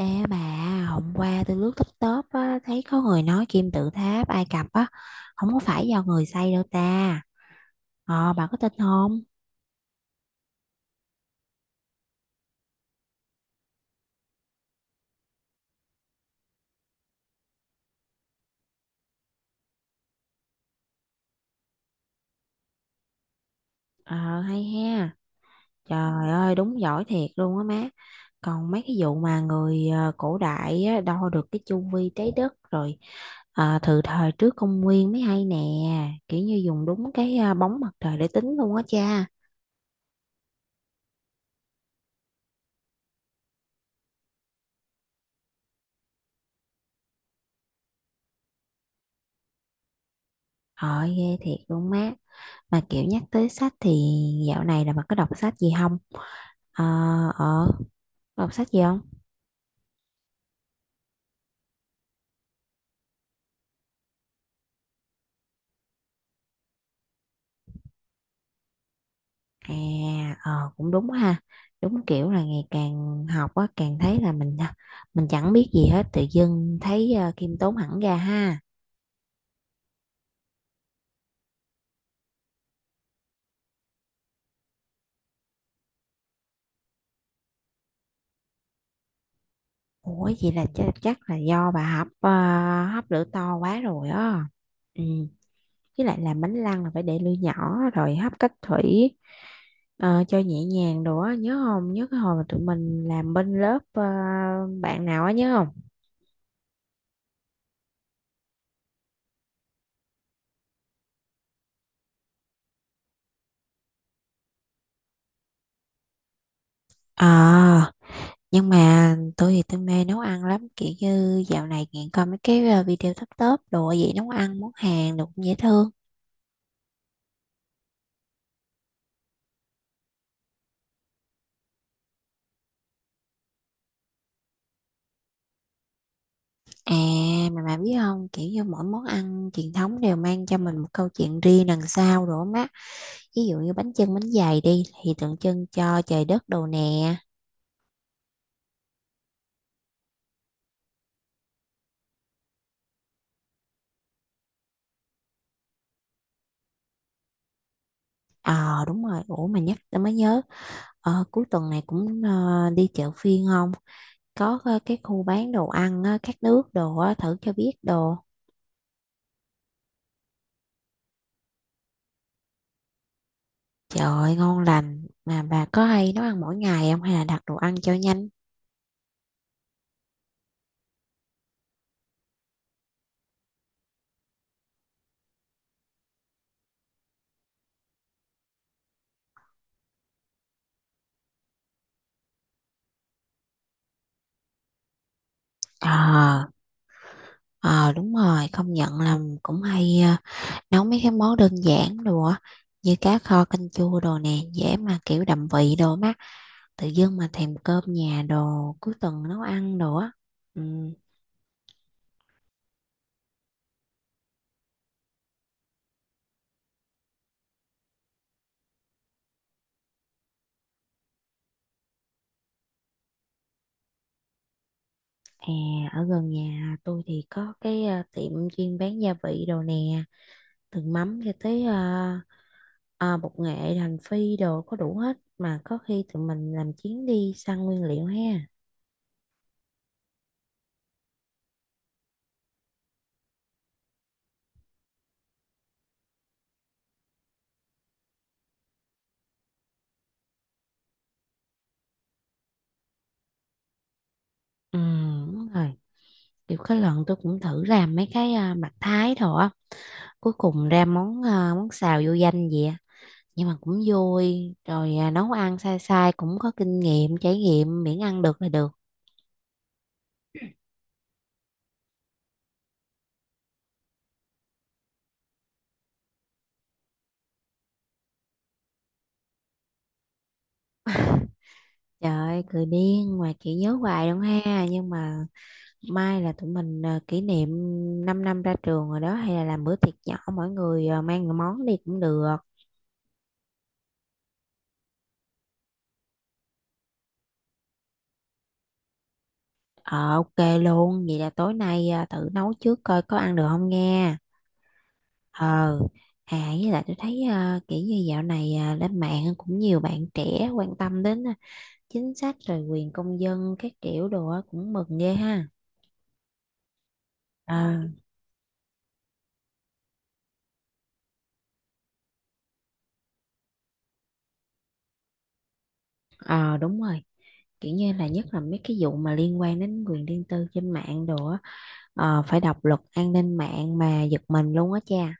Ê bà, hôm qua tôi lướt TikTok á, thấy có người nói kim tự tháp Ai Cập á, không có phải do người xây đâu ta. Ờ, bà có tin không? Ờ, hay ha. Trời ơi, đúng giỏi thiệt luôn á má. Còn mấy cái vụ mà người cổ đại á, đo được cái chu vi trái đất rồi từ thời trước công nguyên mới hay nè. Kiểu như dùng đúng cái bóng mặt trời để tính luôn á cha. Ờ, ghê thiệt luôn má. Mà kiểu nhắc tới sách thì dạo này là bà có đọc sách gì không? Ờ, ờ, có đọc sách gì không? À, ờ, cũng đúng ha. Đúng kiểu là ngày càng học á, càng thấy là mình à, mình chẳng biết gì hết, tự dưng thấy khiêm tốn hẳn ra ha. Ủa vậy là chắc là do bà hấp hấp lửa to quá rồi á. Ừ, với lại làm bánh lăng là phải để lửa nhỏ rồi hấp cách thủy cho nhẹ nhàng đồ á, nhớ không? Nhớ cái hồi mà tụi mình làm bên lớp bạn nào á nhớ không? Ờ, nhưng mà tôi thì tôi mê nấu ăn lắm, kiểu như dạo này nghiện coi mấy cái video top top đồ, vậy nấu ăn món Hàn đồ cũng dễ thương. À, mà bà biết không, kiểu như mỗi món ăn truyền thống đều mang cho mình một câu chuyện riêng đằng sau đồ má, ví dụ như bánh chưng bánh dày đi thì tượng trưng cho trời đất đồ nè. Ờ đúng rồi, ủa mà nhắc tôi mới nhớ, cuối tuần này cũng đi chợ phiên không, có cái khu bán đồ ăn á, các nước đồ á, thử cho biết đồ. Trời ơi, ngon lành, mà bà có hay nấu ăn mỗi ngày không hay là đặt đồ ăn cho nhanh? Ờ, ờ đúng rồi, công nhận là cũng hay nấu mấy cái món đơn giản đồ á, như cá kho canh chua đồ nè, dễ mà kiểu đậm vị đồ má, tự dưng mà thèm cơm nhà đồ cuối tuần nấu ăn đồ á. Ừ, à, ở gần nhà tôi thì có cái tiệm chuyên bán gia vị đồ nè, từ mắm cho tới bột nghệ hành phi đồ có đủ hết, mà có khi tụi mình làm chuyến đi săn nguyên liệu ha. Ừ đúng rồi, kiểu cái lần tôi cũng thử làm mấy cái à, mặt thái thôi á, cuối cùng ra món à, món xào vô danh vậy á. Nhưng mà cũng vui rồi à, nấu ăn sai sai cũng có kinh nghiệm trải nghiệm, miễn ăn được là được. Trời ơi, cười điên mà chỉ nhớ hoài luôn ha, nhưng mà mai là tụi mình à, kỷ niệm 5 năm ra trường rồi đó, hay là làm bữa tiệc nhỏ, mỗi người à, mang món đi cũng được. Ờ, ok luôn, vậy là tối nay à, thử nấu trước coi có ăn được không nghe. Ờ, à với lại tôi thấy à, kiểu như dạo này à, lên mạng cũng nhiều bạn trẻ quan tâm đến à, chính sách rồi quyền công dân các kiểu đồ á, cũng mừng ghê ha. Ờ, ờ đúng rồi, kiểu như là nhất là mấy cái vụ mà liên quan đến quyền riêng tư trên mạng đồ á, ờ, phải đọc luật an ninh mạng mà giật mình luôn á cha.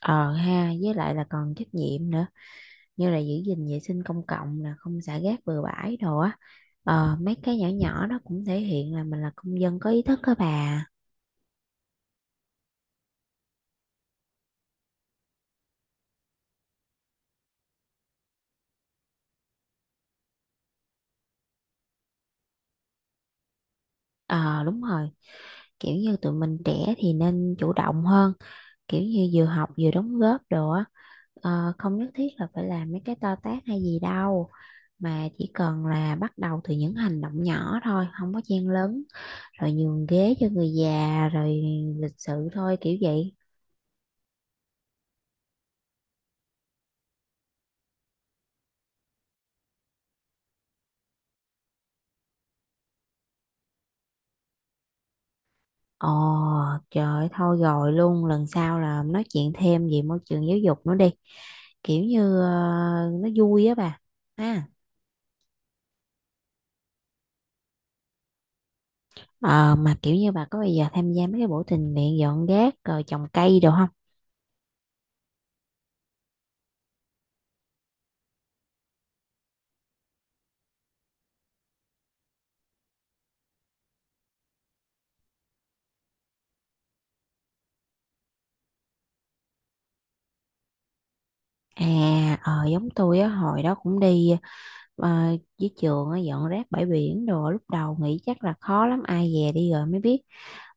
Ờ ha, với lại là còn trách nhiệm nữa. Như là giữ gìn vệ sinh công cộng là không xả rác bừa bãi đồ á. Ờ, mấy cái nhỏ nhỏ đó cũng thể hiện là mình là công dân có ý thức đó bà. Ờ đúng rồi, kiểu như tụi mình trẻ thì nên chủ động hơn, kiểu như vừa học vừa đóng góp đồ á. Ờ, không nhất thiết là phải làm mấy cái to tát hay gì đâu, mà chỉ cần là bắt đầu từ những hành động nhỏ thôi, không có chen lấn, rồi nhường ghế cho người già, rồi lịch sự thôi, kiểu vậy. Ồ, trời ơi, thôi rồi luôn, lần sau là nói chuyện thêm về môi trường giáo dục nữa đi. Kiểu như nó vui á bà. Ha. Ờ, mà kiểu như bà có bây giờ tham gia mấy cái buổi tình nguyện dọn rác rồi trồng cây được không? À, ờ, giống tôi á, hồi đó cũng đi ờ, với trường á, dọn rác bãi biển đồ, lúc đầu nghĩ chắc là khó lắm, ai về đi rồi mới biết,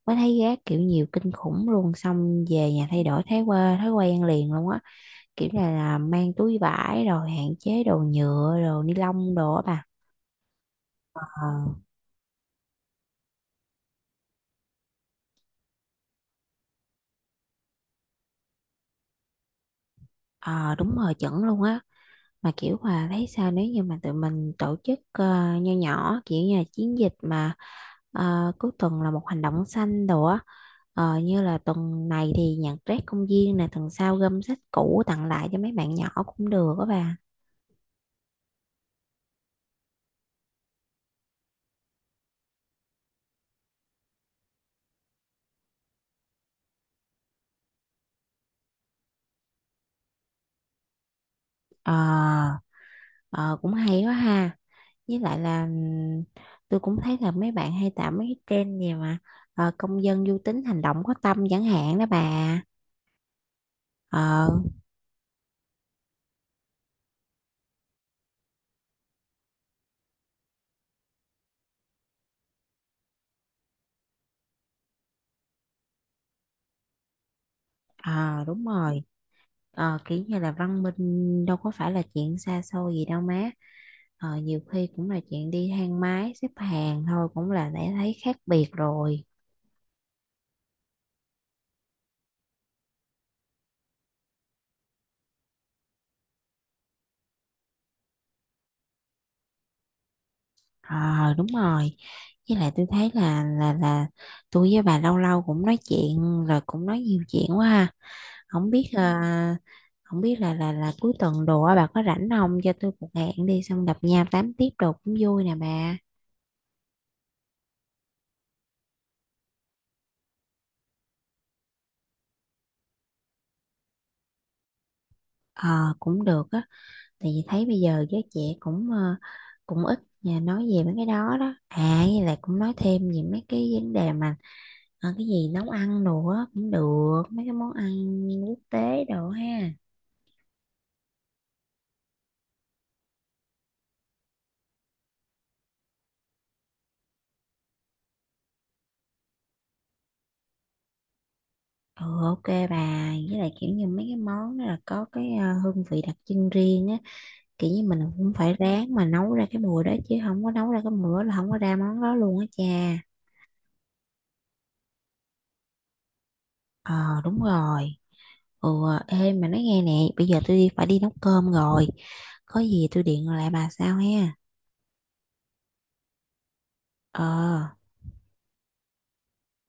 mới thấy rác kiểu nhiều kinh khủng luôn, xong về nhà thay đổi thói quen liền luôn á, kiểu như là mang túi vải rồi hạn chế đồ nhựa đồ ni lông đồ á bà. Ờ. Ờ, đúng rồi chuẩn luôn á, mà kiểu mà thấy sao nếu như mà tụi mình tổ chức nho nhỏ, kiểu như là chiến dịch mà cuối tuần là một hành động xanh đồ á. Ờ, như là tuần này thì nhặt rác công viên nè, tuần sau gom sách cũ tặng lại cho mấy bạn nhỏ cũng được á bà. Ờ, ờ, cũng hay quá ha, với lại là tôi cũng thấy là mấy bạn hay tạo mấy cái trend gì mà công dân du tính hành động có tâm chẳng hạn đó bà. Ờ. Ờ, đúng rồi. Ờ, kiểu như là văn minh đâu có phải là chuyện xa xôi gì đâu má, ờ, nhiều khi cũng là chuyện đi thang máy xếp hàng thôi cũng là đã thấy khác biệt rồi. Ờ đúng rồi, với lại tôi thấy là tôi với bà lâu lâu cũng nói chuyện rồi cũng nói nhiều chuyện quá ha, không biết là không biết là cuối tuần đồ á, bà có rảnh không cho tôi một hẹn đi xong gặp nhau tám tiếp đồ cũng vui nè bà. Ờ cũng được á, tại vì thấy bây giờ giới trẻ cũng cũng ít nhà nói về mấy cái đó đó à, với lại cũng nói thêm về mấy cái vấn đề mà cái gì nấu ăn đồ á cũng được, mấy cái món ăn quốc tế đồ ha. Ừ ok bà, với lại kiểu như mấy cái món đó là có cái hương vị đặc trưng riêng á, kiểu như mình cũng phải ráng mà nấu ra cái mùi đó, chứ không có nấu ra cái mùi đó là không có ra món đó luôn á cha. Ờ đúng rồi. Ừ. Ê mà nói nghe nè, bây giờ tôi đi phải đi nấu cơm rồi, có gì tôi điện lại bà sao ha. Ờ.